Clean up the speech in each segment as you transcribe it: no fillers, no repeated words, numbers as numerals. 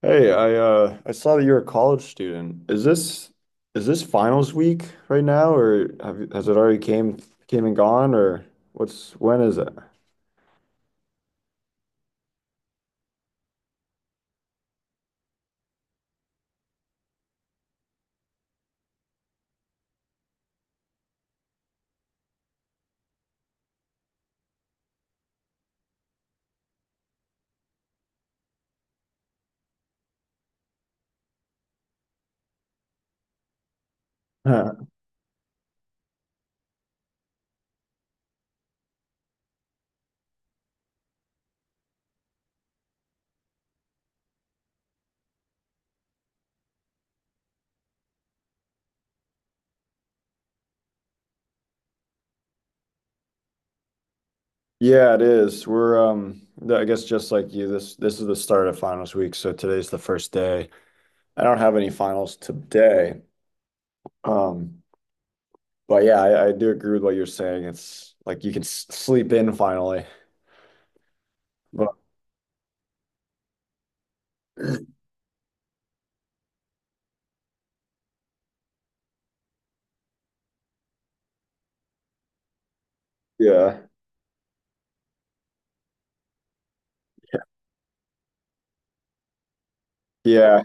Hey, I saw that you're a college student. Is this finals week right now, or has it already came and gone, or what's when is it? Huh. Yeah, it is. I guess just like you, this is the start of finals week, so today's the first day. I don't have any finals today. Um, but yeah, I do agree with what you're saying. It's like you can s sleep in finally. But yeah. Yeah.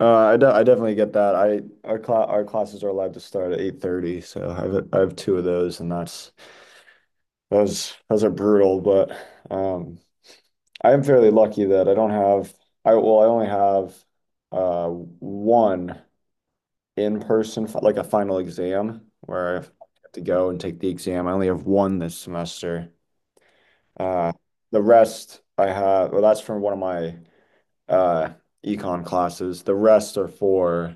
I definitely get that. I our cla Our classes are allowed to start at 8:30, so I have two of those, and that's those are brutal. But um, I am fairly lucky that I don't have I well I only have one in-person like a final exam where I have to go and take the exam. I only have one this semester. Uh, the rest I have that's from one of my uh econ classes. The rest are for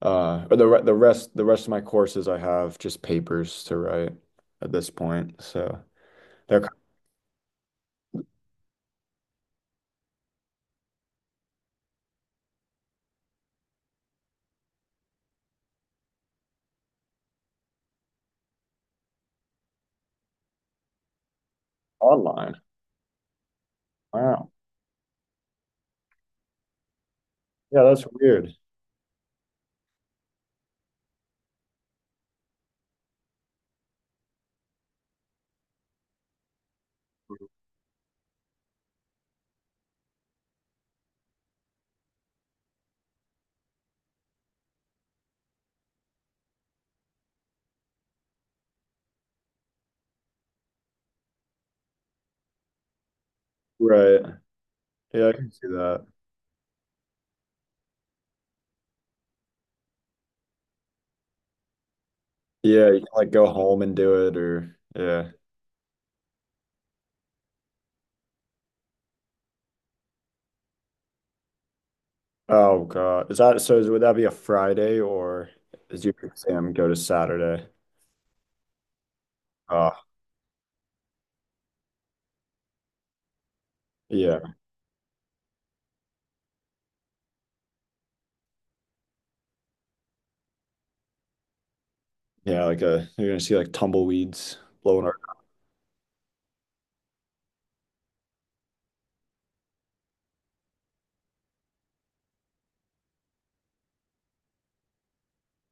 Or the re the rest The rest of my courses I have just papers to write at this point, so they're kind of online. Wow. Yeah, that's weird. Right. Yeah, I can see that. Yeah, you can like go home and do it or yeah. Oh God. Is that would that be a Friday or is your exam go to Saturday? Oh, yeah. Yeah, like a you're gonna see like tumbleweeds blowing our.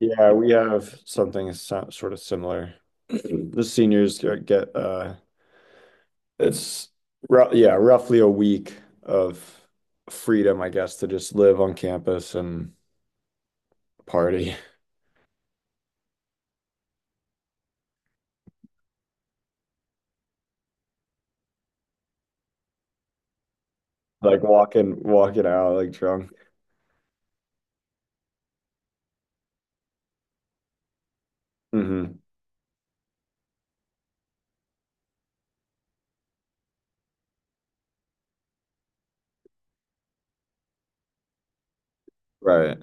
Yeah, we have something sort of similar. The seniors uh, it's ru yeah, roughly a week of freedom, I guess, to just live on campus and party. Like walking out like drunk. Hmm. Right.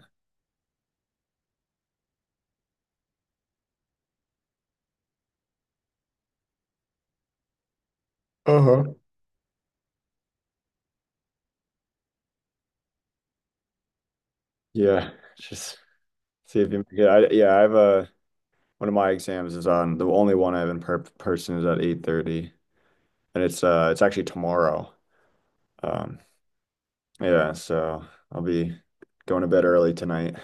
Uh-huh. Yeah. Just see if you make it. Yeah, I have a one of my exams is on the only one I have in per person is at 8:30 and it's actually tomorrow. Um yeah, so I'll be going to bed early tonight.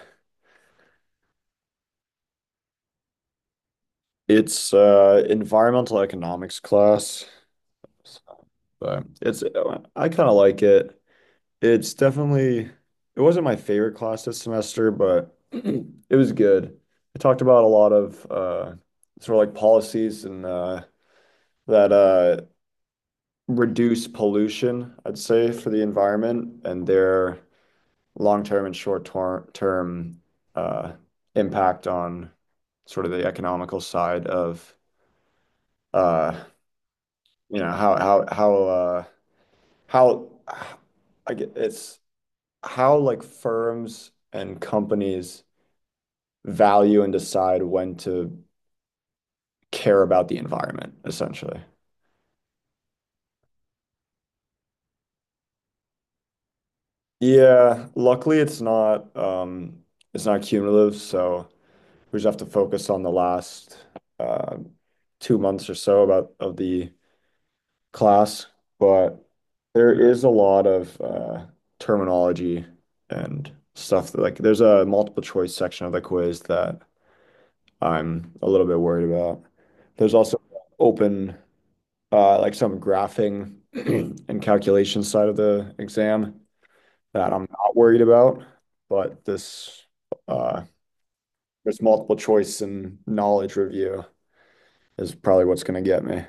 It's environmental economics class. But it's I kind of like it. It's definitely it wasn't my favorite class this semester, but it was good. It talked about a lot of sort of like policies and that reduce pollution, I'd say, for the environment and their long-term and short-term term uh impact on sort of the economical side of uh you know how I get it's how like firms and companies value and decide when to care about the environment, essentially. Yeah, luckily it's not it's not cumulative, so we just have to focus on the last uh 2 months or so about of the class, but there is a lot of terminology and stuff that, like there's a multiple choice section of the quiz that I'm a little bit worried about. There's also open, like some graphing and calculation side of the exam that I'm not worried about, but uh, this multiple choice and knowledge review is probably what's going to get me.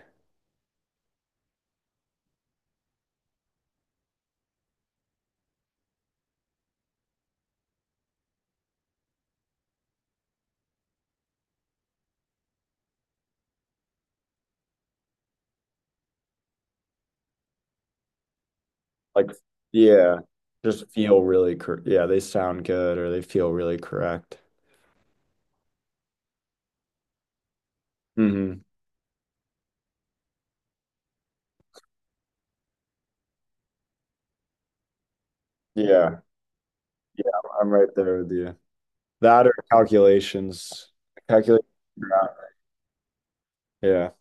Like, yeah, just feel really yeah, they sound good or they feel really correct. Hmm. Yeah, yeah, I'm right there with you. That or calculations. Calculate that. Yeah.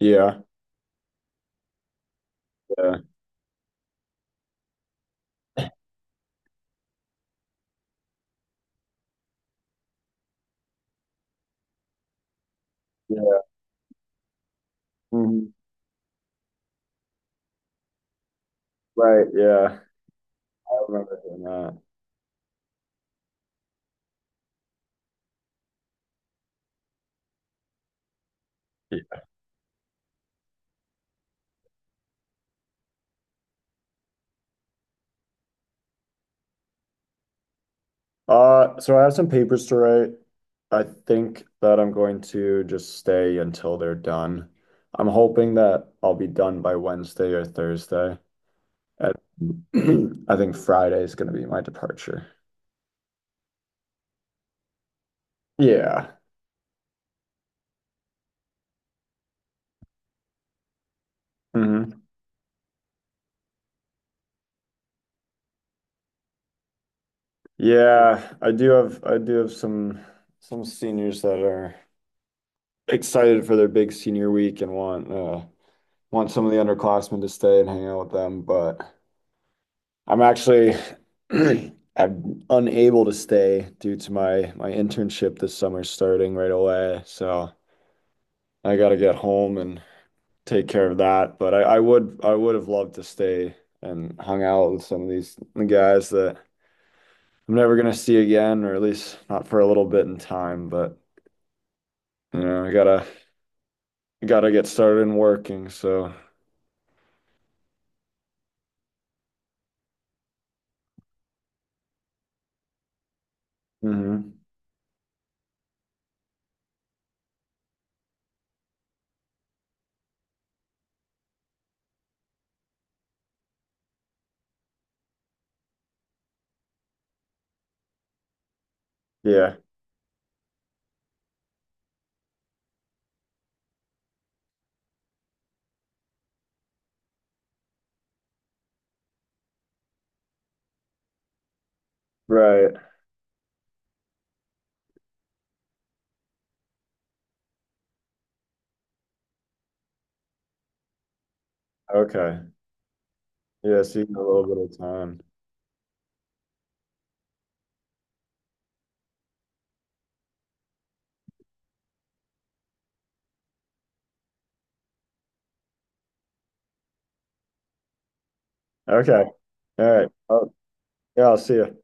Yeah. Yeah. Yeah. Mhm. Right. Yeah. I remember doing that. Yeah. So I have some papers to write. I think that I'm going to just stay until they're done. I'm hoping that I'll be done by Wednesday or Thursday. And I think Friday is going to be my departure. Yeah. Hmm. Yeah, I do have some seniors that are excited for their big senior week and want some of the underclassmen to stay and hang out with them. But I'm actually I'm unable to stay due to my internship this summer starting right away. So I got to get home and take care of that. But I would have loved to stay and hung out with some of these guys that I'm never gonna see again, or at least not for a little bit in time. But you know, I gotta gotta get started in working. So mhm. Yeah. Right. Okay. Yeah, so you got a little bit of time. Okay. All right. Oh, yeah, I'll see you.